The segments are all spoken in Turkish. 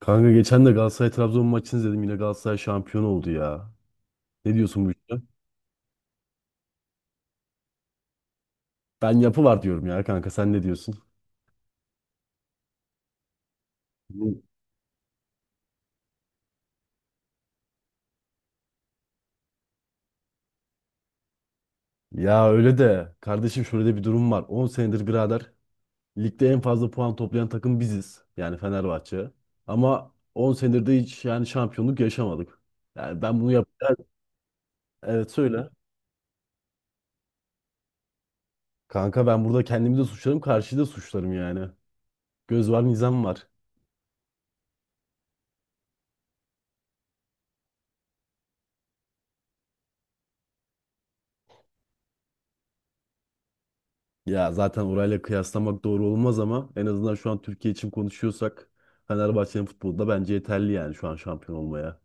Kanka geçen de Galatasaray Trabzon maçını izledim. Yine Galatasaray şampiyon oldu ya. Ne diyorsun bu işe? Ben yapı var diyorum ya kanka. Sen ne diyorsun? Bu- Ya öyle de kardeşim şöyle de bir durum var. 10 senedir birader ligde en fazla puan toplayan takım biziz. Yani Fenerbahçe. Ama 10 senedir de hiç yani şampiyonluk yaşamadık. Evet, evet, söyle. Kanka ben burada kendimi de suçlarım, karşıyı da suçlarım yani. Göz var, nizam var. Ya zaten orayla kıyaslamak doğru olmaz ama en azından şu an Türkiye için konuşuyorsak Fenerbahçe'nin futbolda bence yeterli yani şu an şampiyon olmaya.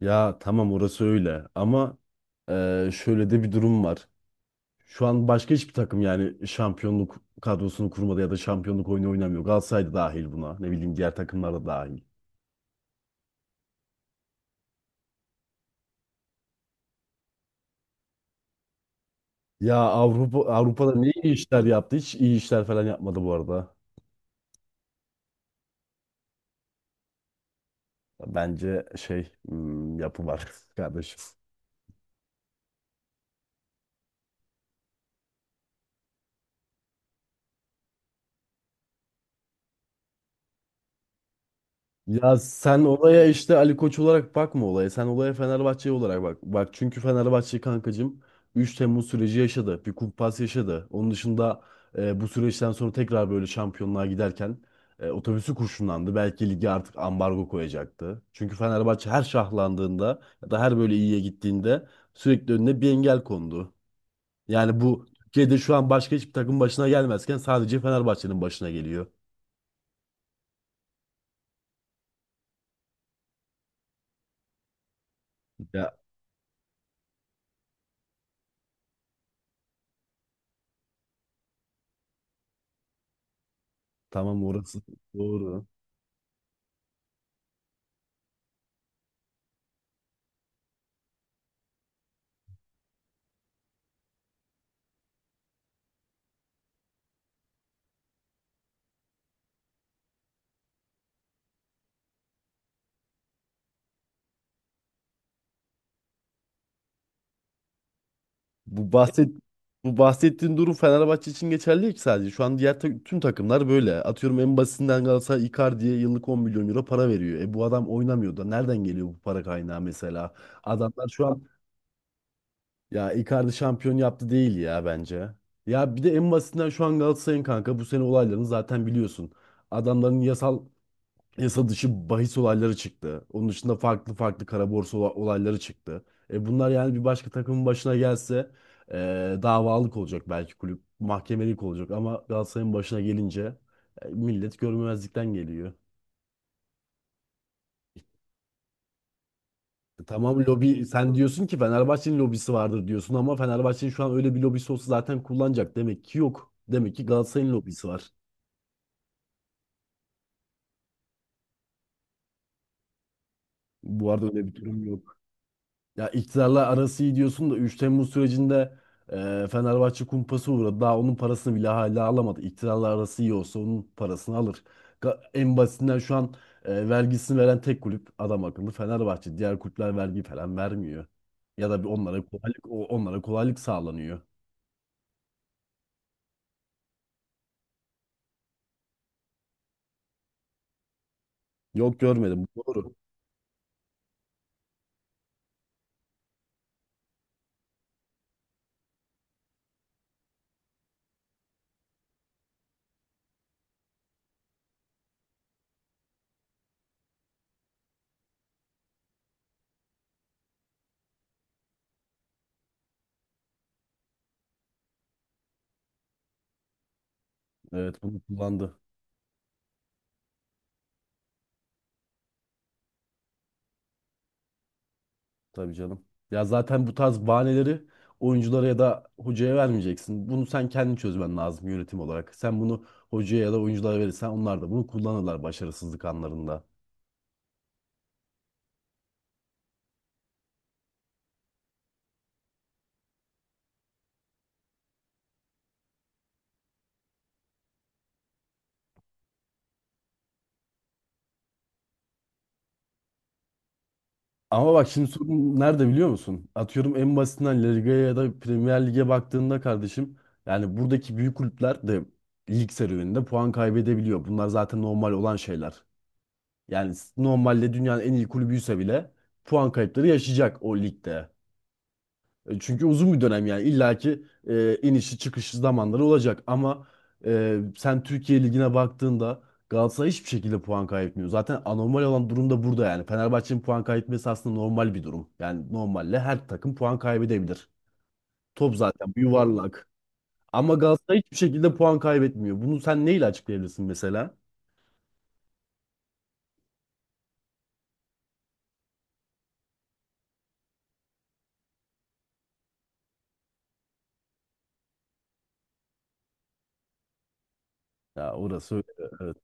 Ya tamam orası öyle ama şöyle de bir durum var. Şu an başka hiçbir takım yani şampiyonluk kadrosunu kurmadı ya da şampiyonluk oyunu oynamıyor. Galatasaray da dahil buna. Ne bileyim diğer takımlar da dahil. Ya Avrupa'da ne iyi işler yaptı? Hiç iyi işler falan yapmadı bu arada. Bence şey yapı var kardeşim. Ya sen olaya işte Ali Koç olarak bakma olaya. Sen olaya Fenerbahçe olarak bak. Bak çünkü Fenerbahçe kankacığım 3 Temmuz süreci yaşadı. Bir kumpas yaşadı. Onun dışında bu süreçten sonra tekrar böyle şampiyonluğa giderken otobüsü kurşunlandı. Belki lige artık ambargo koyacaktı. Çünkü Fenerbahçe her şahlandığında ya da her böyle iyiye gittiğinde sürekli önüne bir engel kondu. Yani bu Türkiye'de şu an başka hiçbir takım başına gelmezken sadece Fenerbahçe'nin başına geliyor. Ya tamam orası doğru. Bu bahset bu bahsettiğin durum Fenerbahçe için geçerli değil ki sadece. Şu an diğer tüm takımlar böyle. Atıyorum en basitinden Galatasaray Icardi'ye yıllık 10 milyon euro para veriyor. E bu adam oynamıyor da nereden geliyor bu para kaynağı mesela? Adamlar şu an ya Icardi şampiyon yaptı değil ya bence. Ya bir de en basitinden şu an Galatasaray'ın kanka bu sene olaylarını zaten biliyorsun. Adamların yasal yasa dışı bahis olayları çıktı. Onun dışında farklı farklı kara borsa olayları çıktı. E bunlar yani bir başka takımın başına gelse davalık olacak belki kulüp, mahkemelik olacak ama Galatasaray'ın başına gelince millet görmemezlikten geliyor. E, tamam lobi sen diyorsun ki Fenerbahçe'nin lobisi vardır diyorsun ama Fenerbahçe'nin şu an öyle bir lobisi olsa zaten kullanacak. Demek ki yok. Demek ki Galatasaray'ın lobisi var. Bu arada öyle bir durum yok. Ya iktidarla arası iyi diyorsun da 3 Temmuz sürecinde Fenerbahçe kumpası uğradı. Daha onun parasını bile hala alamadı. İktidarla arası iyi olsa onun parasını alır. En basitinden şu an vergisini veren tek kulüp adam akıllı Fenerbahçe. Diğer kulüpler vergi falan vermiyor. Ya da bir onlara kolaylık onlara kolaylık sağlanıyor. Yok görmedim. Bu doğru. Evet bunu kullandı. Tabii canım. Ya zaten bu tarz bahaneleri oyunculara ya da hocaya vermeyeceksin. Bunu sen kendin çözmen lazım yönetim olarak. Sen bunu hocaya ya da oyunculara verirsen onlar da bunu kullanırlar başarısızlık anlarında. Ama bak şimdi sorun nerede biliyor musun? Atıyorum en basitinden La Liga'ya ya da Premier Lig'e baktığında kardeşim yani buradaki büyük kulüpler de lig serüveninde puan kaybedebiliyor. Bunlar zaten normal olan şeyler. Yani normalde dünyanın en iyi kulübüyse bile puan kayıpları yaşayacak o ligde. E, çünkü uzun bir dönem yani illaki inişi çıkışı zamanları olacak ama sen Türkiye Ligi'ne baktığında Galatasaray hiçbir şekilde puan kaybetmiyor. Zaten anormal olan durum da burada yani. Fenerbahçe'nin puan kaybetmesi aslında normal bir durum. Yani normalle her takım puan kaybedebilir. Top zaten bir yuvarlak. Ama Galatasaray hiçbir şekilde puan kaybetmiyor. Bunu sen neyle açıklayabilirsin mesela? Ya orası öyle. Evet,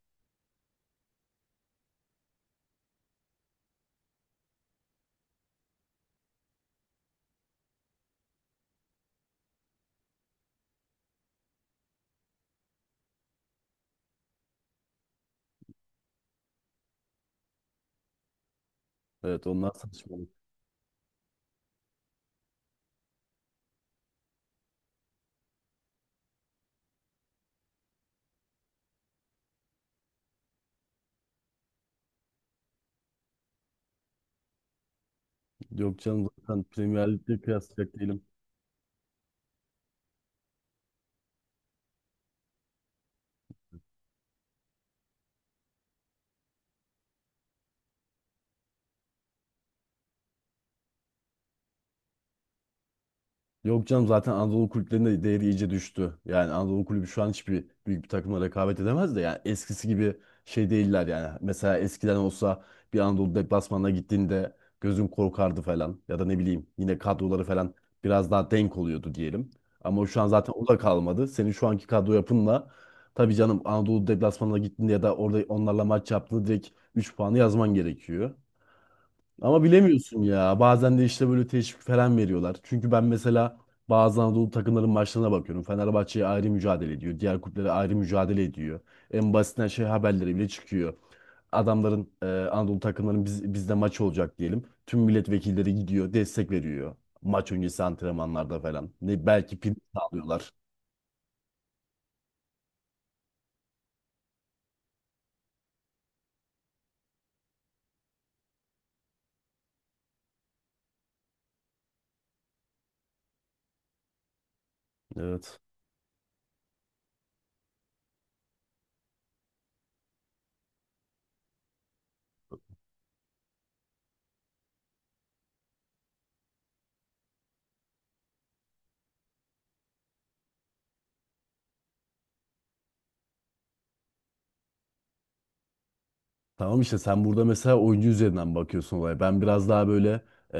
evet, onlar saçmalık. Yok canım zaten Premier Lig'de kıyaslayacak değilim. Yok canım zaten Anadolu kulüplerinde değeri iyice düştü. Yani Anadolu kulübü şu an hiçbir büyük bir takımla rekabet edemez de yani eskisi gibi şey değiller yani. Mesela eskiden olsa bir Anadolu deplasmanına gittiğinde gözüm korkardı falan ya da ne bileyim yine kadroları falan biraz daha denk oluyordu diyelim. Ama şu an zaten o da kalmadı. Senin şu anki kadro yapınla tabii canım Anadolu deplasmanına gittiğinde ya da orada onlarla maç yaptığında direkt 3 puanı yazman gerekiyor. Ama bilemiyorsun ya. Bazen de işte böyle teşvik falan veriyorlar. Çünkü ben mesela bazı Anadolu takımların maçlarına bakıyorum. Fenerbahçe'ye ayrı mücadele ediyor. Diğer kulüplere ayrı mücadele ediyor. En basitinden şey haberleri bile çıkıyor. Adamların Anadolu takımların bizde maç olacak diyelim. Tüm milletvekilleri gidiyor, destek veriyor. Maç öncesi antrenmanlarda falan. Ne belki prim sağlıyorlar. Evet. Tamam işte sen burada mesela oyuncu üzerinden bakıyorsun olaya. Ben biraz daha böyle e,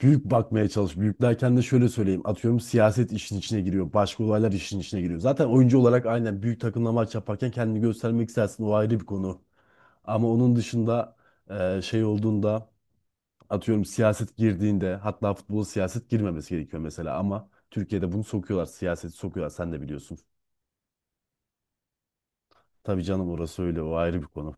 büyük bakmaya çalış. Büyük derken de şöyle söyleyeyim. Atıyorum siyaset işin içine giriyor. Başka olaylar işin içine giriyor. Zaten oyuncu olarak aynen büyük takımla maç yaparken kendini göstermek istersin. O ayrı bir konu. Ama onun dışında şey olduğunda atıyorum siyaset girdiğinde hatta futbola siyaset girmemesi gerekiyor mesela. Ama Türkiye'de bunu sokuyorlar. Siyaseti sokuyorlar. Sen de biliyorsun. Tabii canım orası öyle. O ayrı bir konu.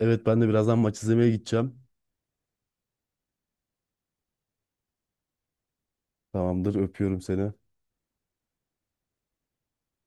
Evet ben de birazdan maç izlemeye gideceğim. Tamamdır öpüyorum seni.